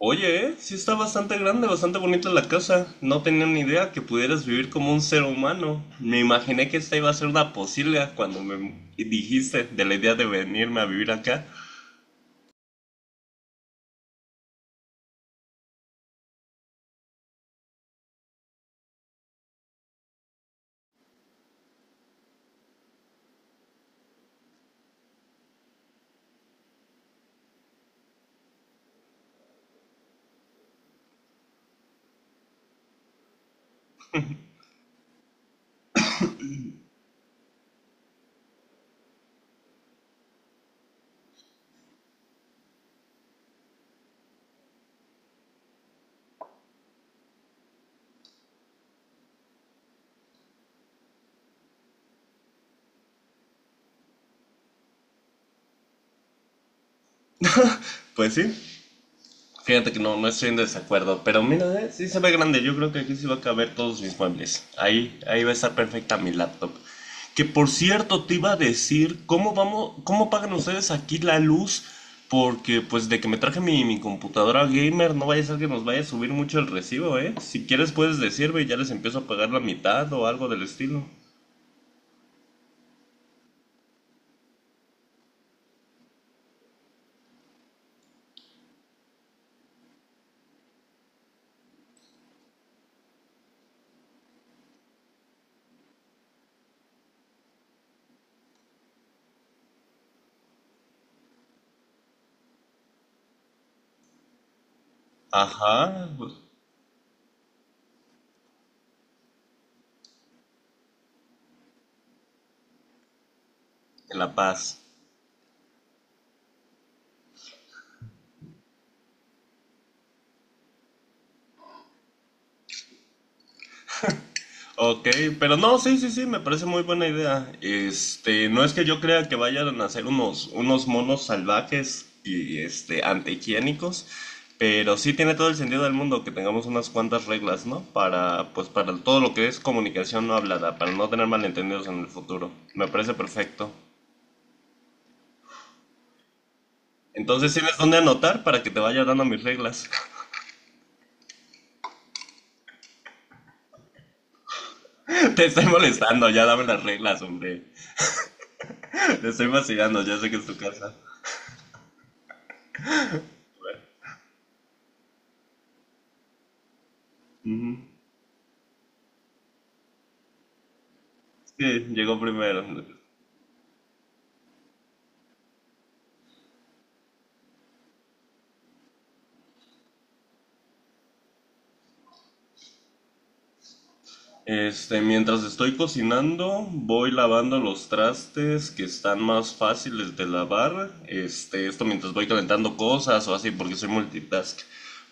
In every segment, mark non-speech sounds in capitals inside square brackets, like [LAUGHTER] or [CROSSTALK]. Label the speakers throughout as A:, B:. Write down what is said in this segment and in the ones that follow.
A: Oye, sí está bastante grande, bastante bonita la casa. No tenía ni idea que pudieras vivir como un ser humano. Me imaginé que esta iba a ser una posibilidad cuando me dijiste de la idea de venirme a vivir acá. Pues sí. Fíjate que no, no estoy en desacuerdo, pero mira, sí se ve grande. Yo creo que aquí sí va a caber todos mis muebles. Ahí va a estar perfecta mi laptop. Que por cierto, te iba a decir, ¿cómo vamos, cómo pagan ustedes aquí la luz? Porque pues de que me traje mi computadora gamer, no vaya a ser que nos vaya a subir mucho el recibo, ¿eh? Si quieres puedes decirme y ya les empiezo a pagar la mitad o algo del estilo. Ajá, pues, en La Paz. Ok, pero no, sí, sí, sí, me parece muy buena idea. Este, no es que yo crea que vayan a ser unos monos salvajes y este, antihigiénicos, pero sí tiene todo el sentido del mundo que tengamos unas cuantas reglas, ¿no? Para, pues, para todo lo que es comunicación no hablada, para no tener malentendidos en el futuro. Me parece perfecto. Entonces, ¿tienes dónde anotar para que te vaya dando mis reglas? [LAUGHS] Te estoy molestando, ya dame las reglas, hombre. [LAUGHS] Te estoy vacilando, ya sé que es tu casa. Ujú. Sí, llegó primero. Este, mientras estoy cocinando, voy lavando los trastes que están más fáciles de lavar. Este, esto mientras voy calentando cosas o así, porque soy multitask.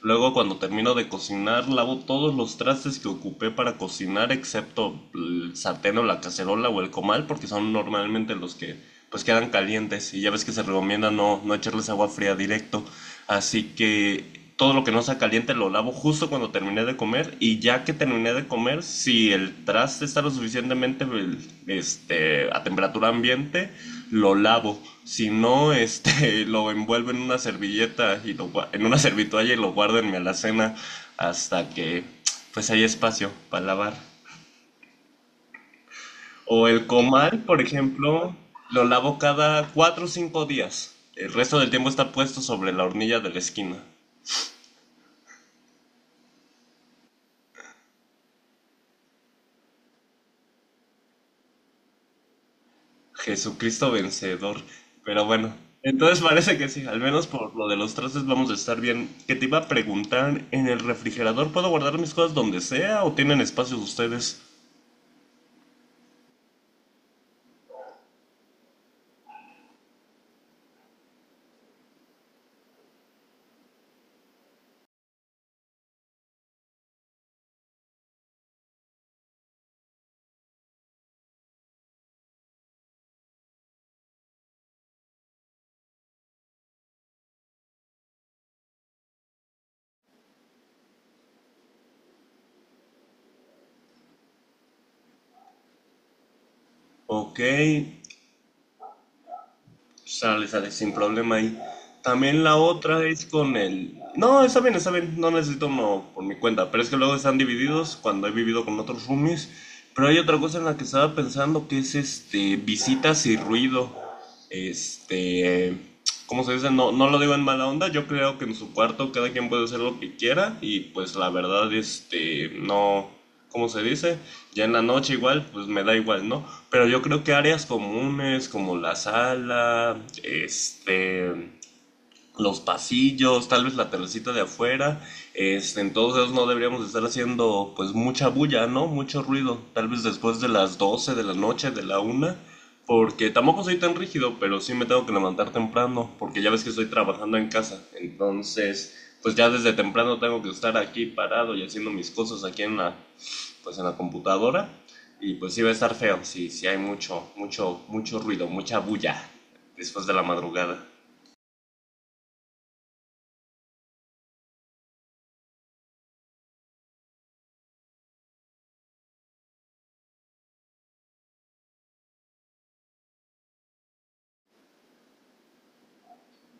A: Luego, cuando termino de cocinar, lavo todos los trastes que ocupé para cocinar, excepto el sartén o la cacerola o el comal, porque son normalmente los que pues quedan calientes. Y ya ves que se recomienda no, no echarles agua fría directo. Así que todo lo que no sea caliente lo lavo justo cuando terminé de comer y ya que terminé de comer, si el traste está lo suficientemente este, a temperatura ambiente, lo lavo. Si no, este, [LAUGHS] lo envuelvo en una servilleta y lo, en una servitoalla y lo guardo en mi alacena hasta que pues hay espacio para lavar. O el comal, por ejemplo, lo lavo cada 4 o 5 días. El resto del tiempo está puesto sobre la hornilla de la esquina. Jesucristo vencedor. Pero bueno, entonces parece que sí, al menos por lo de los trastes vamos a estar bien. Que te iba a preguntar, ¿en el refrigerador puedo guardar mis cosas donde sea o tienen espacios ustedes? Ok, sale, sale, sin problema ahí. También la otra es con el. No, está bien, no necesito uno por mi cuenta, pero es que luego están divididos cuando he vivido con otros roomies. Pero hay otra cosa en la que estaba pensando que es este, visitas y ruido. Este, ¿cómo se dice? No, no lo digo en mala onda, yo creo que en su cuarto cada quien puede hacer lo que quiera y pues la verdad, este, no, ¿cómo se dice? Ya en la noche igual, pues me da igual, ¿no? Pero yo creo que áreas comunes como la sala, este, los pasillos, tal vez la terracita de afuera. Este, entonces no deberíamos estar haciendo pues mucha bulla, ¿no? Mucho ruido, tal vez después de las 12 de la noche, de la una, porque tampoco soy tan rígido, pero sí me tengo que levantar temprano, porque ya ves que estoy trabajando en casa. Entonces, pues ya desde temprano tengo que estar aquí parado y haciendo mis cosas aquí en la pues en la computadora y pues sí va a estar feo si hay mucho ruido, mucha bulla después de la madrugada.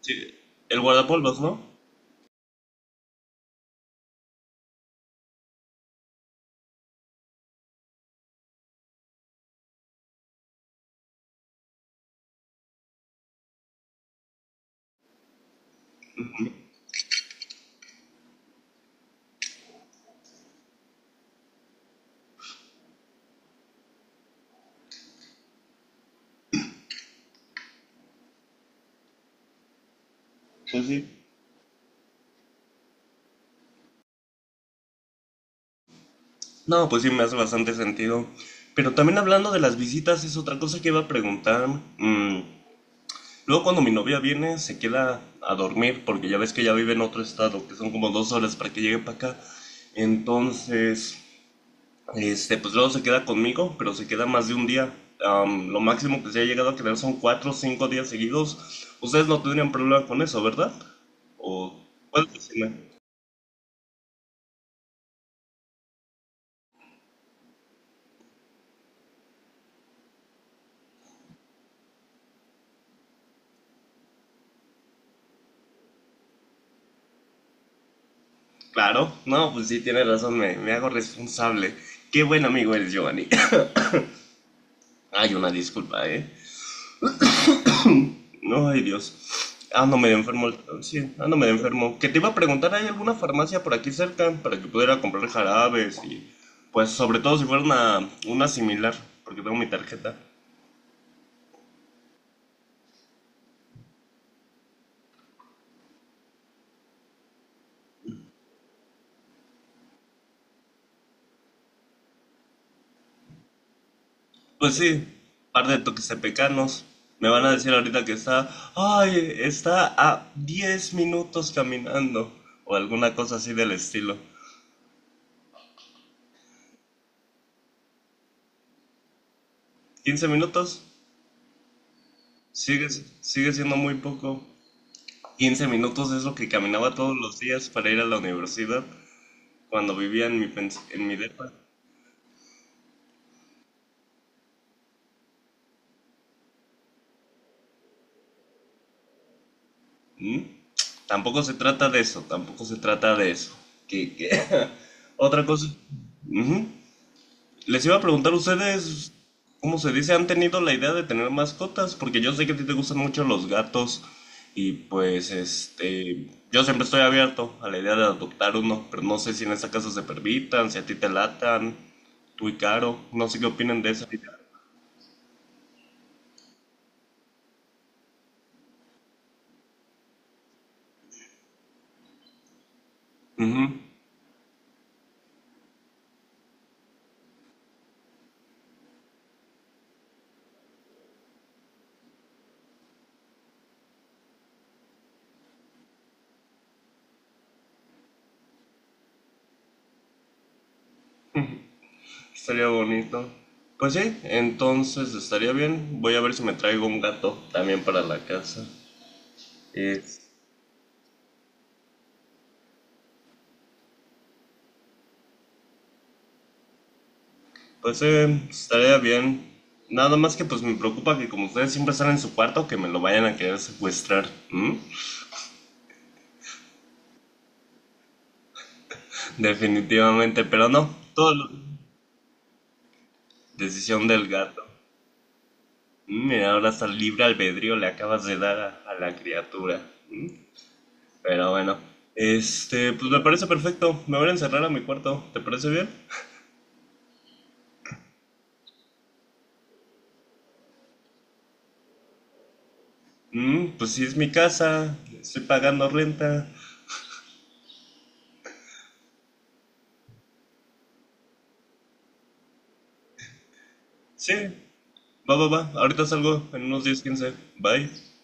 A: Sí, el guardapolvos, ¿no? No, pues sí, me hace bastante sentido. Pero también hablando de las visitas, es otra cosa que iba a preguntar. Mm, luego cuando mi novia viene, se queda a dormir, porque ya ves que ya vive en otro estado, que son como 2 horas para que llegue para acá. Entonces, este, pues luego se queda conmigo, pero se queda más de un día. Am, lo máximo que se ha llegado a quedar son 4 o 5 días seguidos. Ustedes no tendrían problema con eso, ¿verdad? O, ¿puedes decirme? Claro, no, pues sí, tienes razón, me hago responsable. Qué buen amigo eres, Giovanni. [LAUGHS] [CLEARS THROAT] Ay, una disculpa, ¿eh? No, ay, Dios. Ando medio enfermo, el- sí, ando medio enfermo. Que te iba a preguntar, ¿hay alguna farmacia por aquí cerca para que pudiera comprar jarabes y, pues, sobre todo si fuera una similar, porque tengo mi tarjeta. Pues sí, par de toques pecanos. Me van a decir ahorita que está, ay, está a 10 minutos caminando o alguna cosa así del estilo. ¿15 minutos? Sigue, sigue siendo muy poco. 15 minutos es lo que caminaba todos los días para ir a la universidad cuando vivía en mi, en mi depa. ¿Mm? Tampoco se trata de eso, tampoco se trata de eso. Qué qué [LAUGHS] Otra cosa. Ujú. Les iba a preguntar ustedes, ¿cómo se dice? ¿Han tenido la idea de tener mascotas? Porque yo sé que a ti te gustan mucho los gatos y pues este, yo siempre estoy abierto a la idea de adoptar uno, pero no sé si en esta casa se permitan, si a ti te latan, tú y Caro, no sé qué opinen de esa idea. Ujú. Estaría bonito. Pues sí, entonces estaría bien. Voy a ver si me traigo un gato también para la casa. Este, pues estaría bien. Nada más que pues me preocupa que como ustedes siempre están en su cuarto, que me lo vayan a querer secuestrar. ¿Mm? Definitivamente, pero no. Todo lo- decisión del gato. Mm, mira, ahora hasta libre albedrío le acabas de dar a la criatura. Pero bueno. Este, pues me parece perfecto. Me voy a encerrar a mi cuarto. ¿Te parece bien? Mm, pues sí, es mi casa. Estoy pagando renta. Sí. Va, va, va. Ahorita salgo en unos 10 15. Bye.